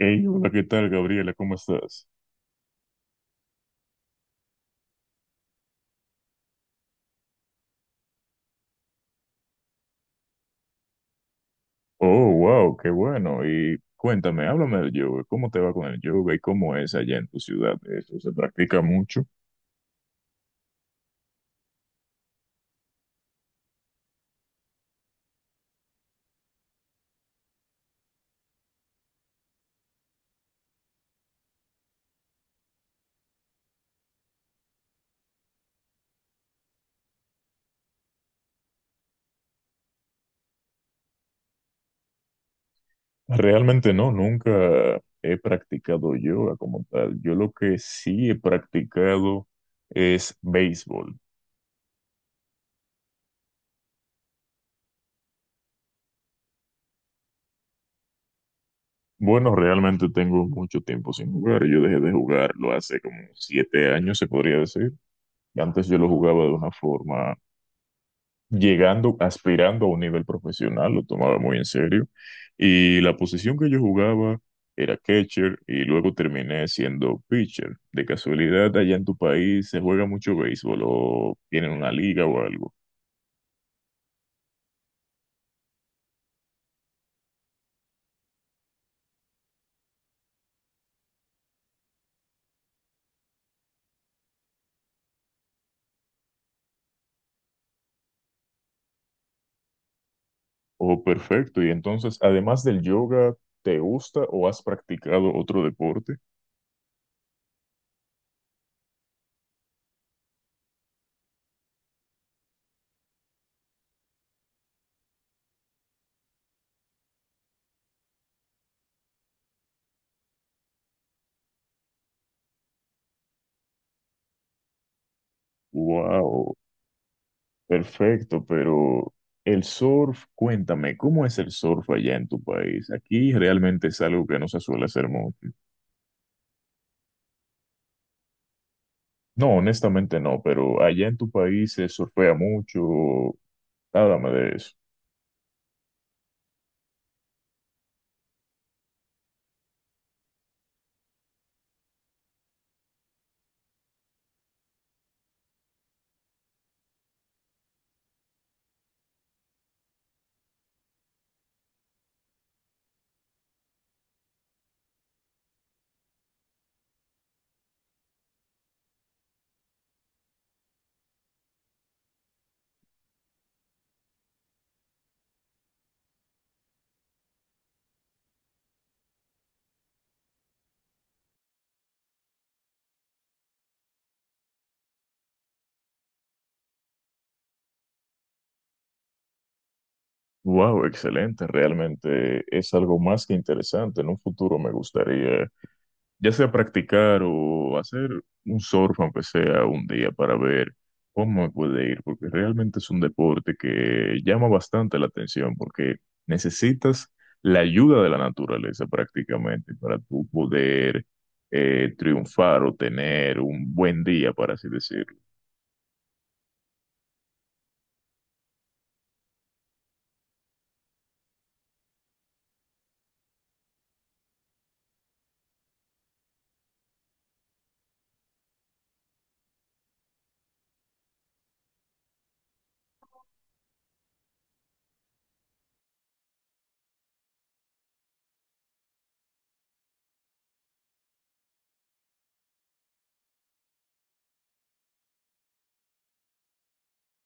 Hey, hola, ¿qué tal, Gabriela? ¿Cómo estás? Oh, wow, qué bueno. Y cuéntame, háblame del yoga. ¿Cómo te va con el yoga y cómo es allá en tu ciudad? ¿Eso se practica mucho? Realmente no, nunca he practicado yoga como tal. Yo lo que sí he practicado es béisbol. Bueno, realmente tengo mucho tiempo sin jugar. Yo dejé de jugarlo hace como 7 años, se podría decir. Antes yo lo jugaba de una forma llegando, aspirando a un nivel profesional, lo tomaba muy en serio. Y la posición que yo jugaba era catcher y luego terminé siendo pitcher. De casualidad, allá en tu país se juega mucho béisbol o tienen una liga o algo. Oh, perfecto. Y entonces, además del yoga, ¿te gusta o has practicado otro deporte? Wow, perfecto, pero... el surf, cuéntame, ¿cómo es el surf allá en tu país? Aquí realmente es algo que no se suele hacer mucho. No, honestamente no, pero allá en tu país se surfea mucho. Háblame de eso. Wow, excelente, realmente es algo más que interesante. En un futuro me gustaría, ya sea practicar o hacer un surf, aunque sea un día, para ver cómo me puede ir, porque realmente es un deporte que llama bastante la atención, porque necesitas la ayuda de la naturaleza prácticamente para tú poder triunfar o tener un buen día, para así decirlo.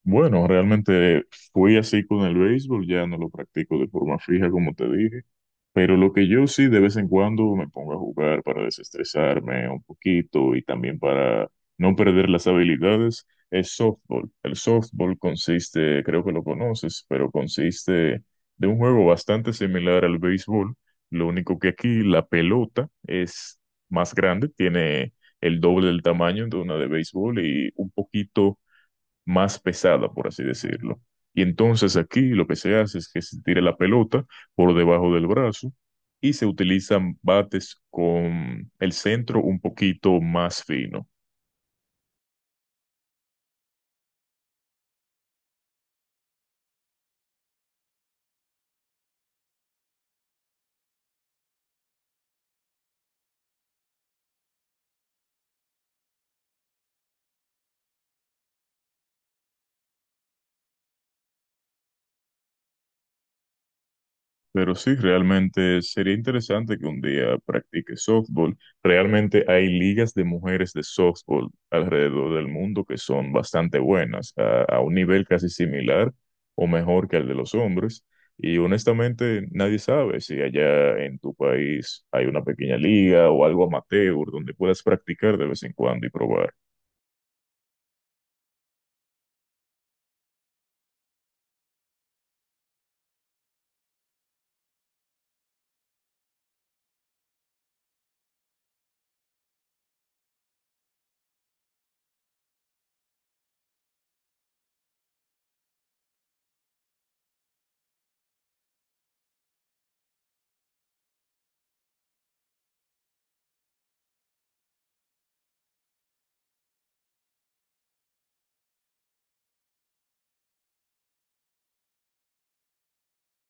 Bueno, realmente fui así con el béisbol, ya no lo practico de forma fija como te dije, pero lo que yo sí de vez en cuando me pongo a jugar para desestresarme un poquito y también para no perder las habilidades es softball. El softball consiste, creo que lo conoces, pero consiste de un juego bastante similar al béisbol, lo único que aquí la pelota es más grande, tiene el doble del tamaño de una de béisbol y un poquito más pesada, por así decirlo. Y entonces aquí lo que se hace es que se tira la pelota por debajo del brazo y se utilizan bates con el centro un poquito más fino. Pero sí, realmente sería interesante que un día practique softball. Realmente hay ligas de mujeres de softball alrededor del mundo que son bastante buenas, a un nivel casi similar o mejor que el de los hombres. Y honestamente, nadie sabe si allá en tu país hay una pequeña liga o algo amateur donde puedas practicar de vez en cuando y probar.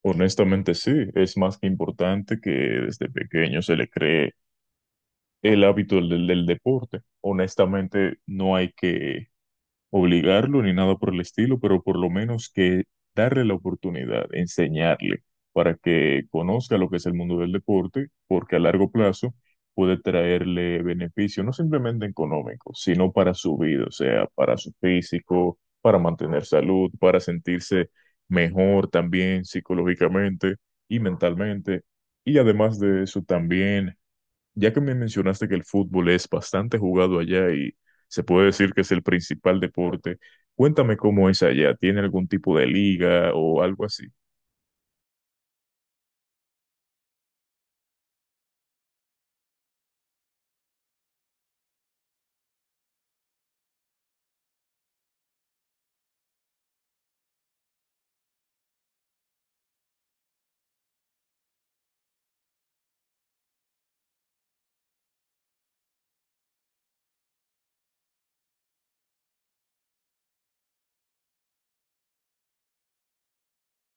Honestamente, sí, es más que importante que desde pequeño se le cree el hábito del deporte. Honestamente, no hay que obligarlo ni nada por el estilo, pero por lo menos que darle la oportunidad, enseñarle para que conozca lo que es el mundo del deporte, porque a largo plazo puede traerle beneficio, no simplemente económico, sino para su vida, o sea, para su físico, para mantener salud, para sentirse mejor también psicológicamente y mentalmente. Y además de eso, también ya que me mencionaste que el fútbol es bastante jugado allá y se puede decir que es el principal deporte, cuéntame cómo es allá. ¿Tiene algún tipo de liga o algo así?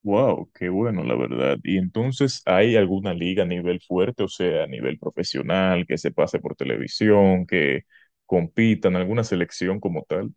Wow, qué bueno, la verdad. ¿Y entonces hay alguna liga a nivel fuerte, o sea, a nivel profesional, que se pase por televisión, que compitan, alguna selección como tal?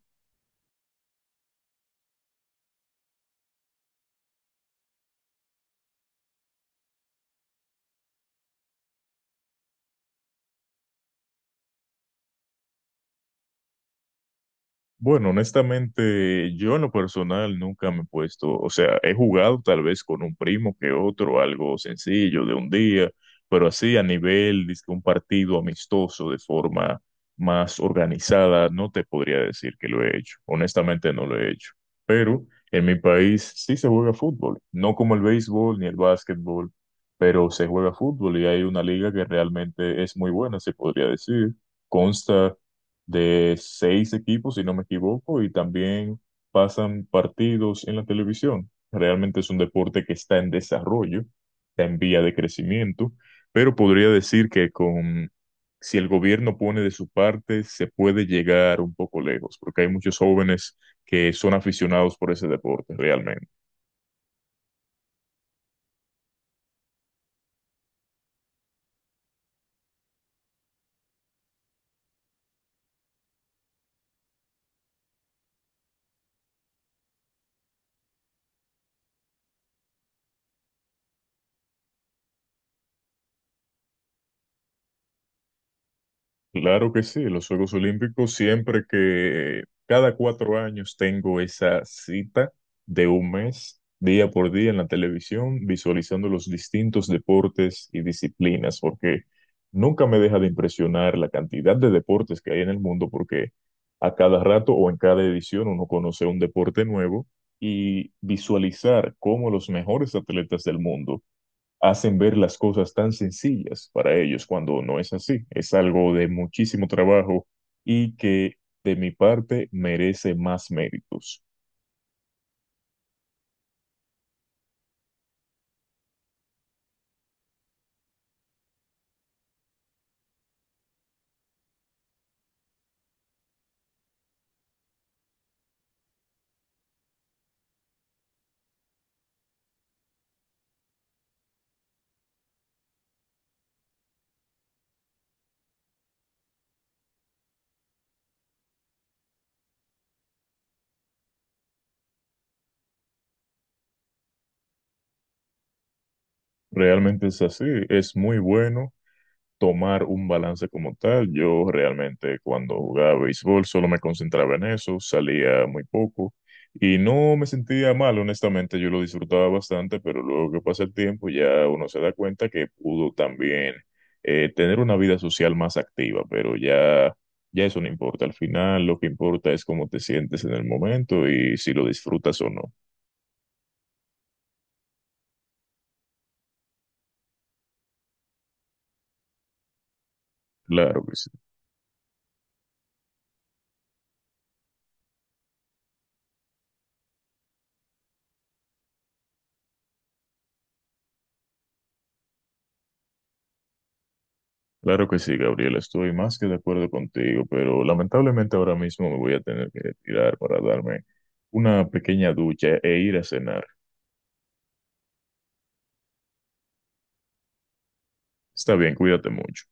Bueno, honestamente, yo en lo personal nunca me he puesto, o sea, he jugado tal vez con un primo que otro, algo sencillo de un día, pero así a nivel de un partido amistoso de forma más organizada, no te podría decir que lo he hecho. Honestamente, no lo he hecho. Pero en mi país sí se juega fútbol, no como el béisbol ni el básquetbol, pero se juega fútbol y hay una liga que realmente es muy buena, se podría decir. Consta de 6 equipos, si no me equivoco, y también pasan partidos en la televisión. Realmente es un deporte que está en desarrollo, está en vía de crecimiento, pero podría decir que con, si el gobierno pone de su parte, se puede llegar un poco lejos, porque hay muchos jóvenes que son aficionados por ese deporte, realmente. Claro que sí, los Juegos Olímpicos siempre que cada 4 años tengo esa cita de un mes, día por día en la televisión, visualizando los distintos deportes y disciplinas, porque nunca me deja de impresionar la cantidad de deportes que hay en el mundo, porque a cada rato o en cada edición uno conoce un deporte nuevo y visualizar cómo los mejores atletas del mundo hacen ver las cosas tan sencillas para ellos cuando no es así. Es algo de muchísimo trabajo y que de mi parte merece más méritos. Realmente es así, es muy bueno tomar un balance como tal. Yo realmente cuando jugaba béisbol solo me concentraba en eso, salía muy poco y no me sentía mal, honestamente, yo lo disfrutaba bastante, pero luego que pasa el tiempo ya uno se da cuenta que pudo también tener una vida social más activa, pero ya... Ya eso no importa, al final lo que importa es cómo te sientes en el momento y si lo disfrutas o no. Claro que sí. Claro que sí, Gabriela, estoy más que de acuerdo contigo, pero lamentablemente ahora mismo me voy a tener que retirar para darme una pequeña ducha e ir a cenar. Está bien, cuídate mucho.